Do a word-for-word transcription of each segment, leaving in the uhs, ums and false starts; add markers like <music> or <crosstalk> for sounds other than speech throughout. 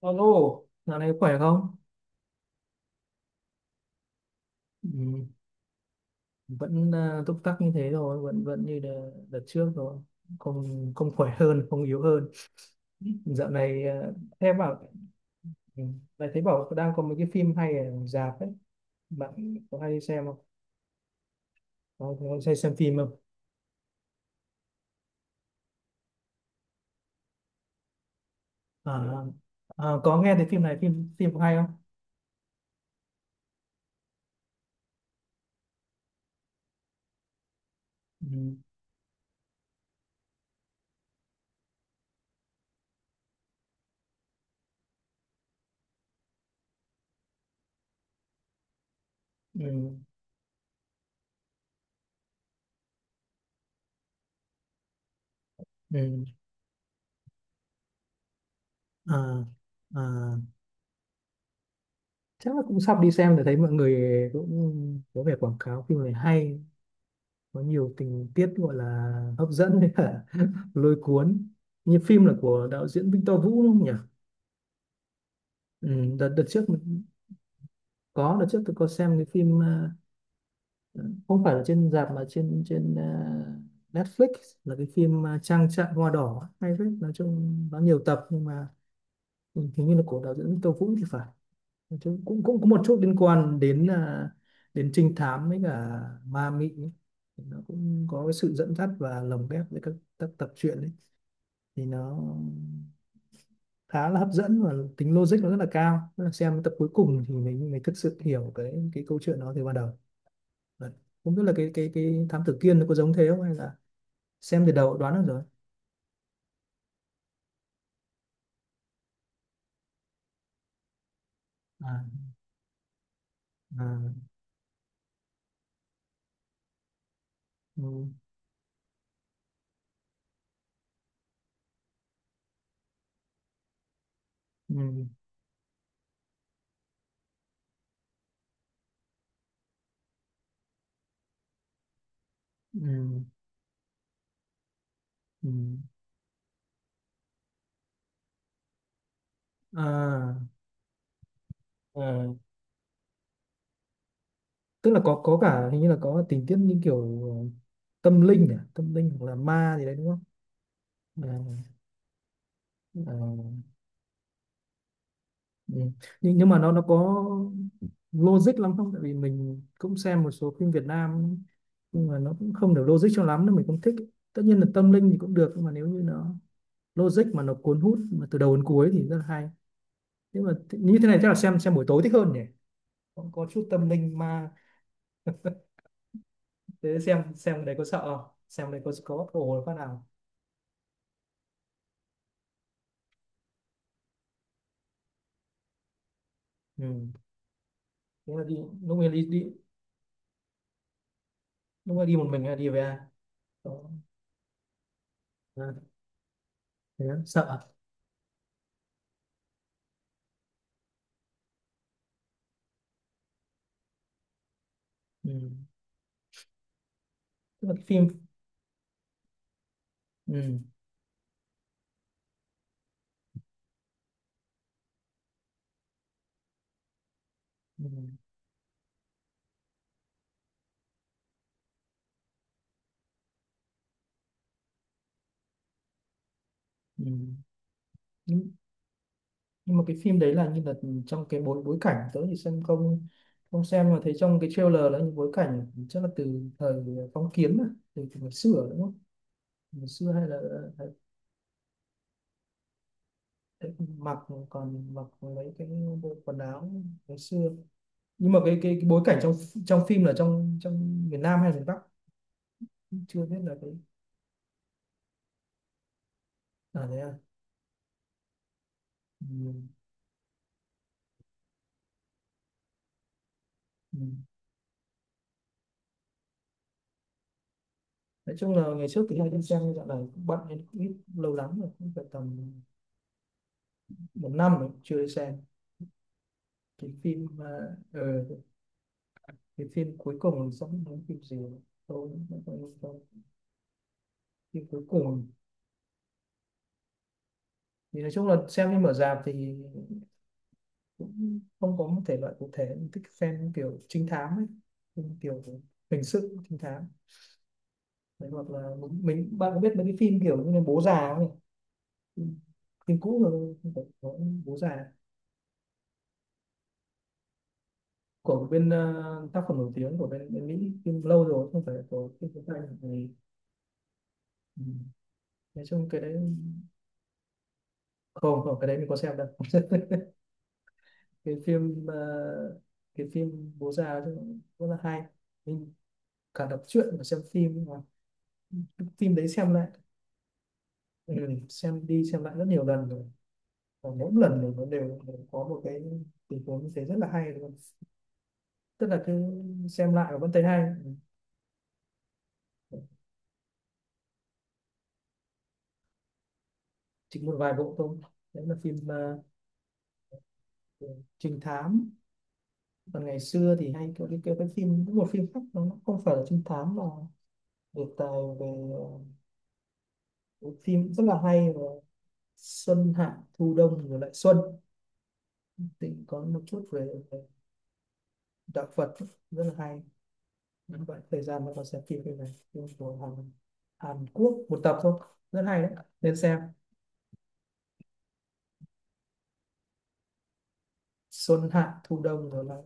Alo, dạo này khỏe không? Ừ, vẫn à, túc tắc như thế rồi, vẫn vẫn như đợt, đợt trước rồi, không không khỏe hơn, không yếu hơn. Dạo này à, em bảo ừ, lại thấy bảo đang có mấy cái phim hay ở rạp ấy, bạn có hay đi xem không? Có, có hay xem phim không? À, à, có nghe thấy phim này phim phim hay không? Ừ, ừ, ừ. À, à, chắc là cũng sắp đi xem để thấy mọi người cũng có vẻ quảng cáo phim này hay, có nhiều tình tiết gọi là hấp dẫn với cả <laughs> lôi cuốn, như phim là của đạo diễn Victor Vũ đúng không nhỉ? Ừ, đợt đợt trước mình có, đợt trước tôi có xem cái phim à, không phải là trên rạp mà trên trên à, Netflix, là cái phim à, Trang trại hoa đỏ, hay phết, nói chung nó nhiều tập nhưng mà ừ, hình như là của đạo diễn Victor Vũ thì phải. Nói chung cũng cũng có một chút liên quan đến à, đến trinh thám với cả ma mị ấy. Nó cũng có cái sự dẫn dắt và lồng ghép với các các tập truyện ấy, thì nó khá là hấp dẫn và tính logic nó rất là cao. Tức là xem cái tập cuối cùng thì mình mình thực sự hiểu cái cái câu chuyện nó từ ban đầu. Đấy. Không biết là cái cái cái thám tử Kiên nó có giống thế không, hay là xem từ đầu đoán được rồi. À, à, ừ, ừ, ừ, ừ. À, à, tức là có có cả hình như là có tình tiết như kiểu tâm linh à? Tâm linh hoặc là ma gì đấy đúng không? À, à, Ừ. Nhưng, nhưng mà nó nó có logic lắm không? Tại vì mình cũng xem một số phim Việt Nam nhưng mà nó cũng không được logic cho lắm nên mình không thích. Tất nhiên là tâm linh thì cũng được, nhưng mà nếu như nó logic mà nó cuốn hút mà từ đầu đến cuối thì rất là hay. Nhưng mà th- như thế này chắc là xem xem buổi tối thích hơn nhỉ? Có, có chút tâm linh ma, thế xem xem cái đấy có sợ không? Xem đấy có có ồ phát nào? Ừ. Thế là đi, lúc này đi đi lúc này đi một mình hay đi về ai? Có- À, thế á, sợ. Ừ. Tức là cái phim ừ. Ừ. Ừ. nhưng, nhưng mà cái phim đấy là như là trong cái bối bối cảnh tớ thì xem không, không xem mà thấy trong cái trailer là những bối cảnh chắc là từ thời phong kiến mà, từ, từ ngày xưa đúng không, ngày xưa hay là, hay, hay mặc, còn mặc mấy cái bộ quần áo ngày xưa. Nhưng mà cái cái, cái bối cảnh trong trong phim là trong trong miền Nam hay miền Bắc chưa biết là cái à thế à ừ. Ừ. Nói chung là ngày trước thì hay đi xem nhưng dạo này cũng bận nên cũng ít, lâu lắm rồi, cũng phải tầm một năm rồi chưa đi xem cái phim mà ờ, cái phim cuối cùng giống giống phim gì tôi cũng không nhớ đâu. Phim cuối cùng thì nói chung là xem phim ở rạp thì cũng không có một thể loại cụ thể, thích xem kiểu trinh thám ấy, phim kiểu hình sự trinh thám. Đấy, hoặc là mình mình- bạn có biết mấy cái phim kiểu như là bố già không nhỉ? Phim, phim cũ rồi, không phải có bố già của bên ờ, tác phẩm nổi tiếng của bên, bên Mỹ, phim lâu rồi, không phải của phim tiếng Anh thì ừ. Nói chung cái đấy, không không cái đấy mình có xem đâu. <laughs> Cái phim ờ, cái phim bố già ấy rất là hay, mình cả đọc truyện và xem phim mà, cái phim đấy xem lại ừ, xem đi xem lại rất nhiều lần rồi và mỗi lần thì nó đều có một cái tình huống như thế, rất là hay luôn, tức là cứ xem lại và vẫn thấy hay. Ừ, chỉ một vài bộ thôi, đấy là phim ờ, trinh thám. Còn ngày xưa thì hay có cái cái, cái phim, một phim khác nó không phải là trinh thám mà đề tài về ờ, một phim rất là hay, và xuân hạ thu đông rồi lại xuân, Tịnh có một chút về đạo Phật, rất là hay. Những bạn thời gian nó còn xem phim cái này của Hàn, Hàn Quốc, một tập thôi, rất hay đấy, nên xem. Xuân hạ thu đông rồi lại,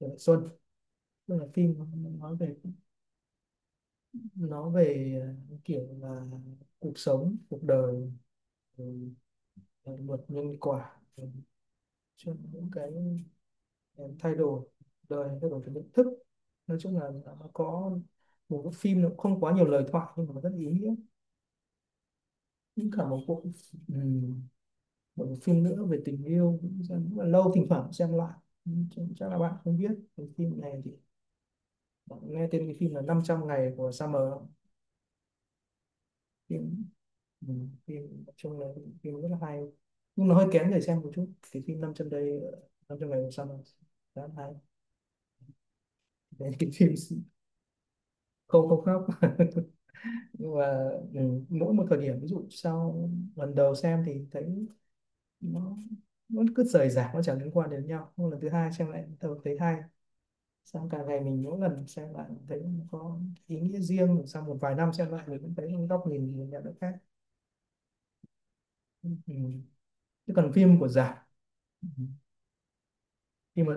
rồi lại xuân, tức là phim nói về, nó về ờ, kiểu là cuộc sống cuộc đời, luật nhân quả rồi chuyện những cái em thay đổi, đời thay đổi, cái nhận thức. Nói chung là nó có, một cái phim nó không quá nhiều lời thoại nhưng mà rất ý nghĩa. Những cả một bộ, ừm, một bộ phim nữa về tình yêu cũng là lâu, thỉnh thoảng xem lại. Ừ, chắc là bạn không biết cái phim này thì, bạn nghe tên cái phim là năm trăm ngày của Summer. Phim ừm, phim nói chung là phim rất là hay, nhưng nó hơi kén để xem một chút. Cái phim năm trăm đây, năm trăm ngày của Summer, rất hay đấy. Cái phim, không không khóc. <laughs> Nhưng mà ừ, mỗi một thời điểm, ví dụ sau lần đầu xem thì thấy nó nó cứ rời rạc, nó chẳng liên quan đến nhau, nhưng lần thứ hai xem lại tôi thấy hay, xong càng ngày mình mỗi lần xem lại thấy nó có ý nghĩa riêng, rồi sau một vài năm xem lại mình cũng thấy góc nhìn mình nhận được khác. Ừ. Chứ còn phim của giải ừ. Phim mà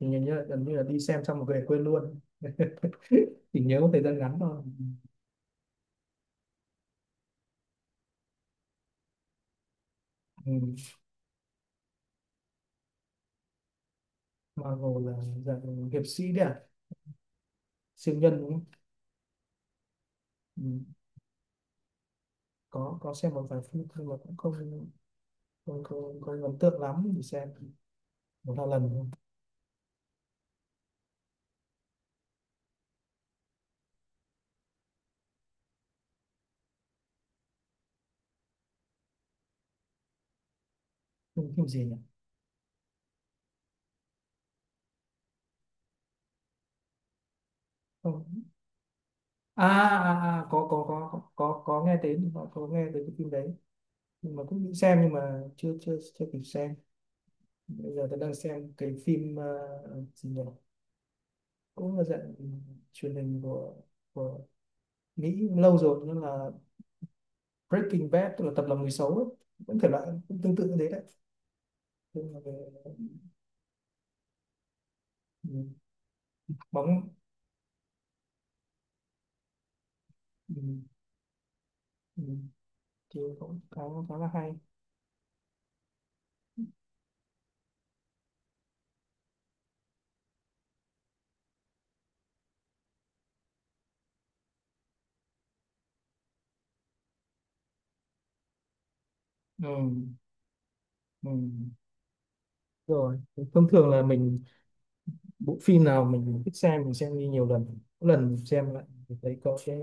thì nhìn như là, gần như là đi xem xong một về quên luôn. <laughs> Chỉ nhớ một thời gian ngắn thôi. Ừ. Marvel là dạng hiệp sĩ đấy à, siêu nhân đúng không? Ừ. có có xem một vài phim nhưng mà cũng không không không, không ấn tượng lắm, để xem một hai lần thôi. Phim, phim gì nhỉ? Không. À, à, à có, có có có có nghe đến, có, có nghe đến cái phim đấy nhưng mà cũng định xem nhưng mà chưa chưa chưa kịp xem. Bây giờ tôi đang xem cái phim ờ, gì nhỉ, cũng là dạng truyền hình của của Mỹ, lâu rồi, nhưng là Breaking Bad, tức là tập lòng người xấu ấy. Vẫn thể loại cũng tương tự như thế đấy, nhưng mà về ừ, bóng ừ, ừ. Thì cũng khá khá là hay. Ừ. Ừ. Rồi, thông thường là mình, bộ phim nào mình thích xem mình xem đi nhiều lần, mỗi lần xem lại mình thấy có cái,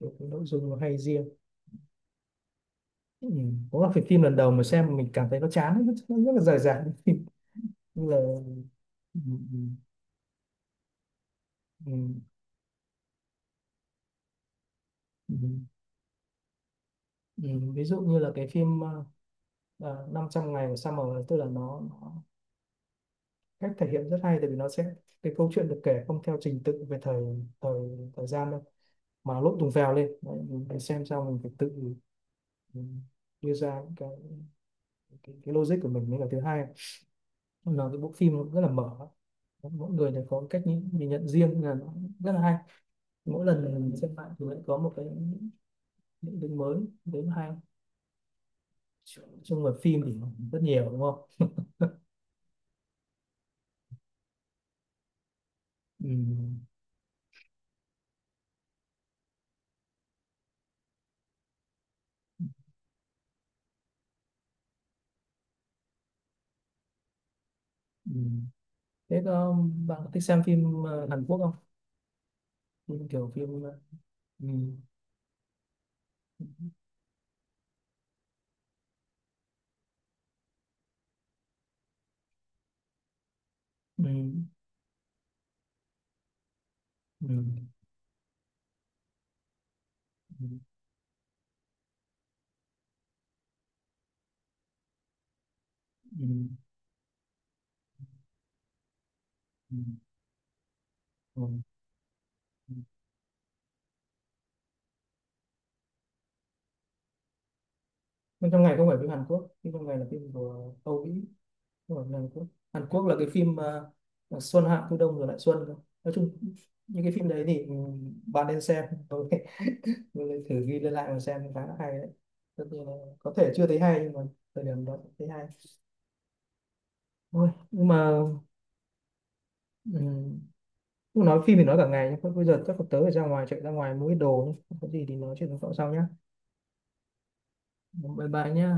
cái, cái nội dung nó hay riêng. Ừ. Có là phải phim lần đầu mà xem mình cảm thấy nó chán, nó rất, nó rất là dài dẳng <laughs> như là ừ. Ừ. Ừ. Ừ. Ừ. Ví dụ như là cái phim uh, năm trăm ngày của Summer, tức là nó, nó cách thể hiện rất hay, tại vì nó sẽ, cái câu chuyện được kể không theo trình tự về thời thời thời gian đâu, mà nó lộn tùng phèo lên. Đấy, mình phải xem sao, mình phải tự mình đưa ra những cái, cái cái logic của mình. Mới là thứ hai, là cái bộ phim nó rất là mở, mỗi người đều có cách nhìn, nhìn nhận riêng, là nó rất là hay. Mỗi lần mình xem lại thì lại có một cái, những cái mới đến hay trong người phim thì rất nhiều đúng không. Ừ. Ừ. Thế có, bạn có thích xem phim ờ, Hàn Quốc không, phim kiểu phim ờ, ừ. Ừ. Ừ. Ừ. Ừ. Ừ. Ừ. Bên trong ngày không phải phim Hàn Quốc, phim trong ngày là phim của Âu Mỹ, không phải phim Hàn Quốc. Hàn Quốc là cái phim ờ, là Xuân Hạ Thu Đông rồi lại Xuân thôi. Nói chung những cái phim đấy thì ừ, bạn nên xem tôi <laughs> tôi lại thử ghi lên lại mà xem, khá là hay đấy. Tất nhiên là có thể chưa thấy hay nhưng mà thời điểm đó thấy hay thôi. Nhưng mà um, nói phim thì nói cả ngày, nhưng bây giờ chắc là tớ phải ra ngoài, chạy ra ngoài mua ít đồ nhé. Có gì thì nói chuyện với cậu sau nhé. Bye bye nhé.